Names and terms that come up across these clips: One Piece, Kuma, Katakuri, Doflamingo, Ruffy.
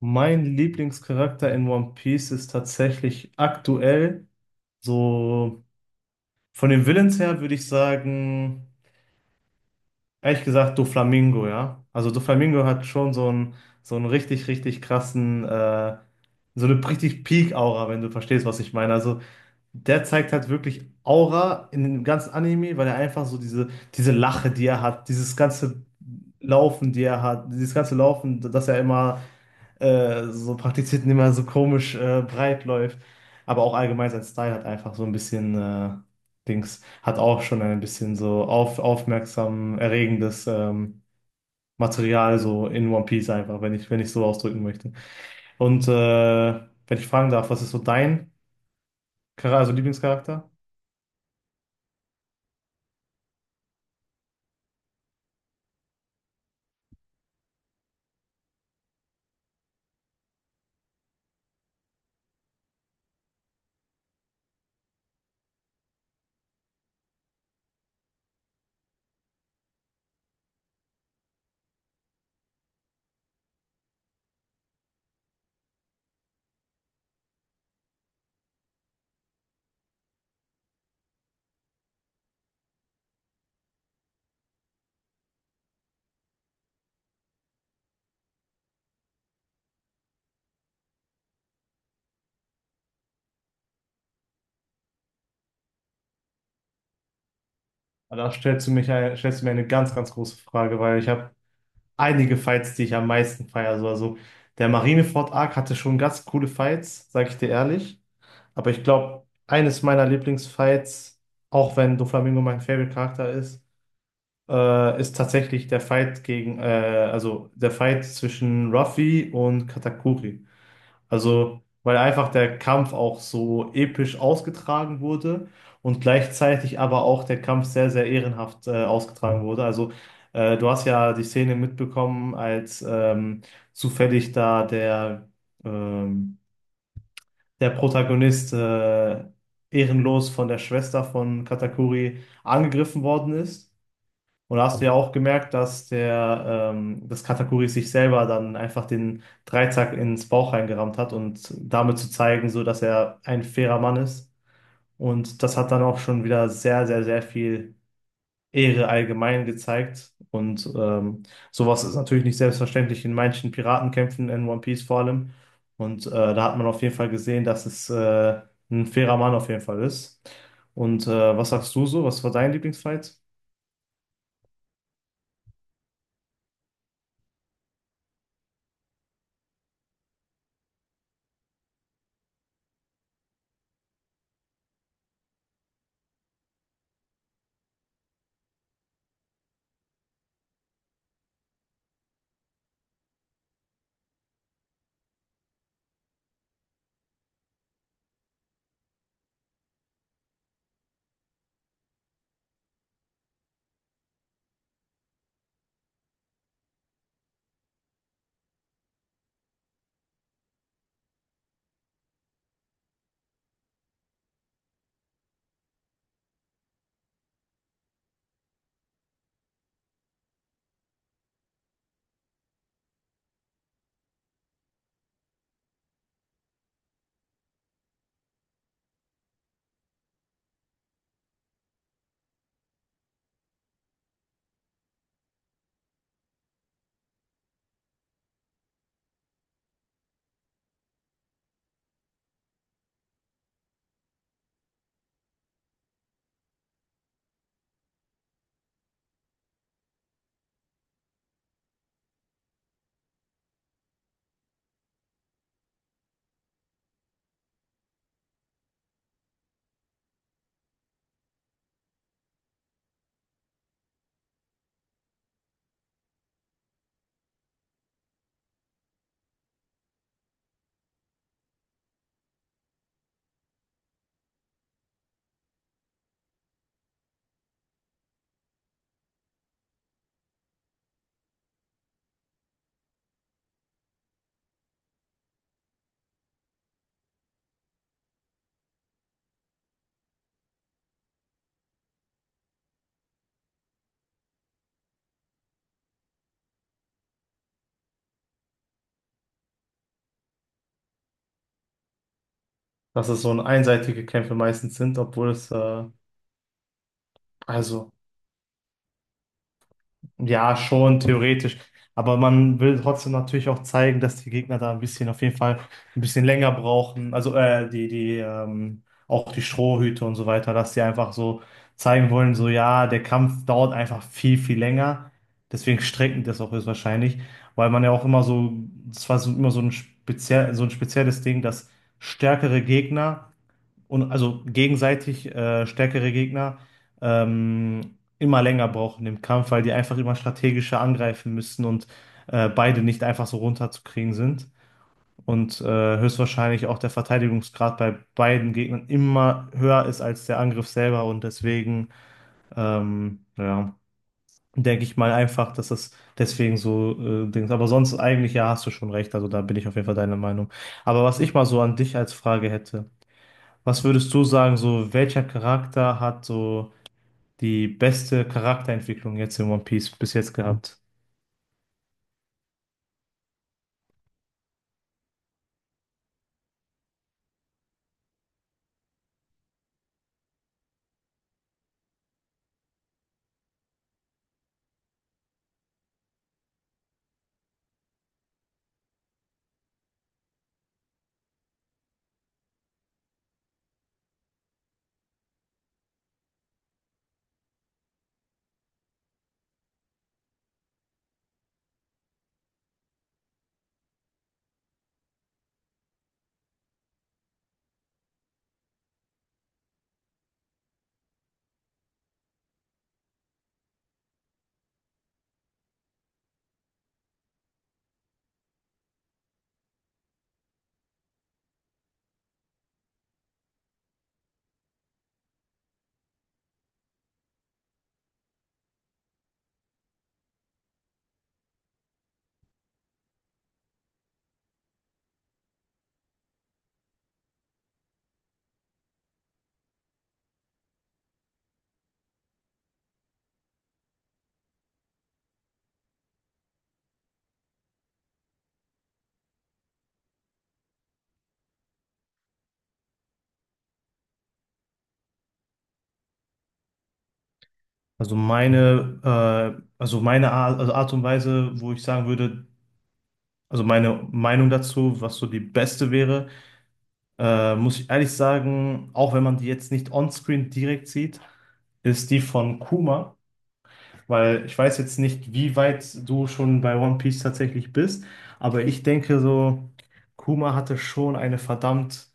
Mein Lieblingscharakter in One Piece ist tatsächlich aktuell, so von den Villains her würde ich sagen, ehrlich gesagt, Doflamingo, ja. Also Doflamingo hat schon so einen richtig, richtig krassen, so eine richtig Peak-Aura, wenn du verstehst, was ich meine. Also der zeigt halt wirklich Aura in dem ganzen Anime, weil er einfach so diese, diese Lache, die er hat, dieses ganze Laufen, die er hat, dieses ganze Laufen, dass er immer so praktizierten, immer so komisch breit läuft. Aber auch allgemein sein Style hat einfach so ein bisschen Dings, hat auch schon ein bisschen so auf, aufmerksam erregendes Material so in One Piece einfach, wenn ich so ausdrücken möchte. Und wenn ich fragen darf, was ist so dein Charakter, also Lieblingscharakter? Da stellst du mich, stellst du mir eine ganz, ganz große Frage, weil ich habe einige Fights, die ich am meisten feiere. So, also der Marineford-Arc hatte schon ganz coole Fights, sag ich dir ehrlich. Aber ich glaube, eines meiner Lieblingsfights, auch wenn Doflamingo mein Favorite-Charakter ist, ist tatsächlich der Fight gegen, also der Fight zwischen Ruffy und Katakuri. Also, weil einfach der Kampf auch so episch ausgetragen wurde und gleichzeitig aber auch der Kampf sehr, sehr ehrenhaft ausgetragen wurde. Also, du hast ja die Szene mitbekommen, als zufällig da der, ähm, der Protagonist ehrenlos von der Schwester von Katakuri angegriffen worden ist. Und da hast du ja auch gemerkt, dass der, das Katakuri sich selber dann einfach den Dreizack ins Bauch reingerammt hat und damit zu zeigen, so dass er ein fairer Mann ist. Und das hat dann auch schon wieder sehr, sehr, sehr viel Ehre allgemein gezeigt. Und sowas ist natürlich nicht selbstverständlich in manchen Piratenkämpfen in One Piece vor allem. Und da hat man auf jeden Fall gesehen, dass es ein fairer Mann auf jeden Fall ist. Und was sagst du so? Was war dein Lieblingsfight? Dass es so ein einseitige Kämpfe meistens sind, obwohl es also. Ja, schon theoretisch. Aber man will trotzdem natürlich auch zeigen, dass die Gegner da ein bisschen, auf jeden Fall ein bisschen länger brauchen. Also auch die Strohhüte und so weiter, dass die einfach so zeigen wollen, so ja, der Kampf dauert einfach viel, viel länger. Deswegen strecken die das auch ist wahrscheinlich, weil man ja auch immer so, es war so immer so ein speziell, so ein spezielles Ding, dass stärkere Gegner und also gegenseitig stärkere Gegner immer länger brauchen im Kampf, weil die einfach immer strategischer angreifen müssen und beide nicht einfach so runterzukriegen sind. Und höchstwahrscheinlich auch der Verteidigungsgrad bei beiden Gegnern immer höher ist als der Angriff selber. Und deswegen, ja, denke ich mal einfach, dass das deswegen so Dings. Aber sonst eigentlich, ja, hast du schon recht. Also da bin ich auf jeden Fall deiner Meinung. Aber was ich mal so an dich als Frage hätte, was würdest du sagen, so welcher Charakter hat so die beste Charakterentwicklung jetzt in One Piece bis jetzt gehabt? Also meine Art, also Art und Weise, wo ich sagen würde, also meine Meinung dazu, was so die beste wäre, muss ich ehrlich sagen, auch wenn man die jetzt nicht onscreen direkt sieht, ist die von Kuma. Weil ich weiß jetzt nicht, wie weit du schon bei One Piece tatsächlich bist, aber ich denke so, Kuma hatte schon eine verdammt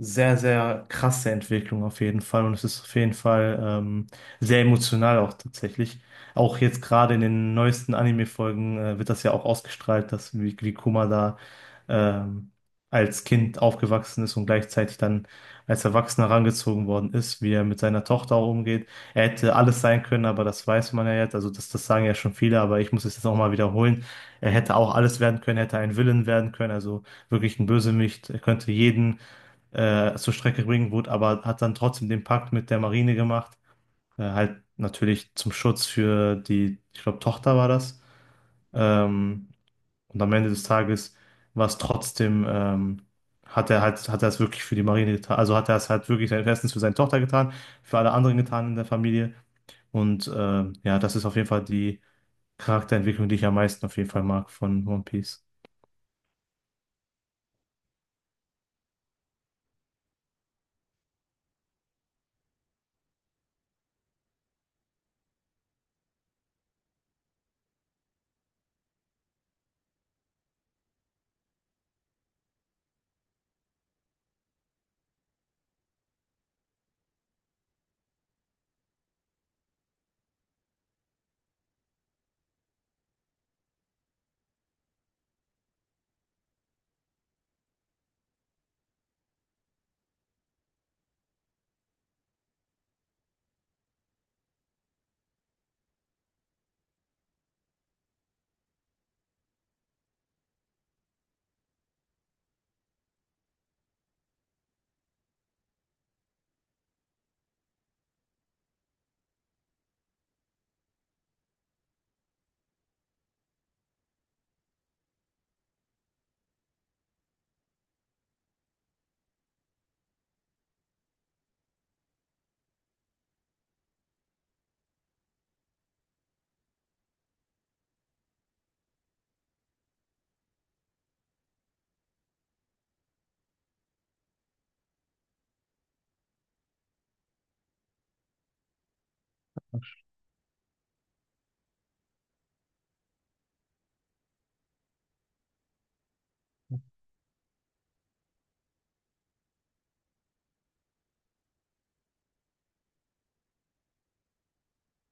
sehr, sehr krasse Entwicklung auf jeden Fall. Und es ist auf jeden Fall sehr emotional auch tatsächlich. Auch jetzt gerade in den neuesten Anime-Folgen wird das ja auch ausgestrahlt, dass wie Kuma da ähm, als Kind aufgewachsen ist und gleichzeitig dann als Erwachsener herangezogen worden ist, wie er mit seiner Tochter auch umgeht hätte alles sein können, aber das weiß man ja jetzt. Also das sagen ja schon viele, aber ich muss es jetzt auch mal wiederholen. Er hätte auch alles werden können, hätte ein Villain werden können, also wirklich ein Bösewicht. Er könnte jeden zur Strecke bringen, wurde, aber hat dann trotzdem den Pakt mit der Marine gemacht. Halt natürlich zum Schutz für die, ich glaube, Tochter war das. Ähm, und am Ende des Tages war es trotzdem, hat er es wirklich für die Marine getan. Also hat er es halt wirklich erstens für seine Tochter getan, für alle anderen getan in der Familie. Und ja, das ist auf jeden Fall die Charakterentwicklung, die ich am meisten auf jeden Fall mag von One Piece.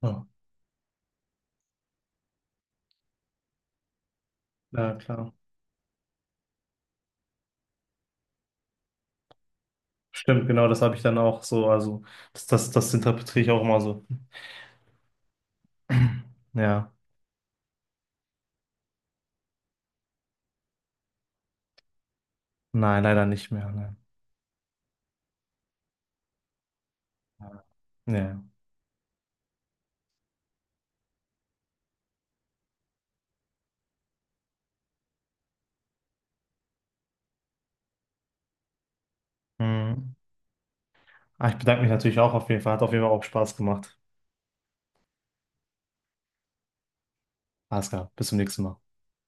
Ja, ja, klar. Stimmt, genau, das habe ich dann auch so, also das interpretiere ich auch immer so. Ja, nein, leider nicht mehr. Nein. Ja. Mhm. Ah, ich bedanke mich natürlich auch auf jeden Fall. Hat auf jeden Fall auch Spaß gemacht. Alles klar, bis zum nächsten Mal.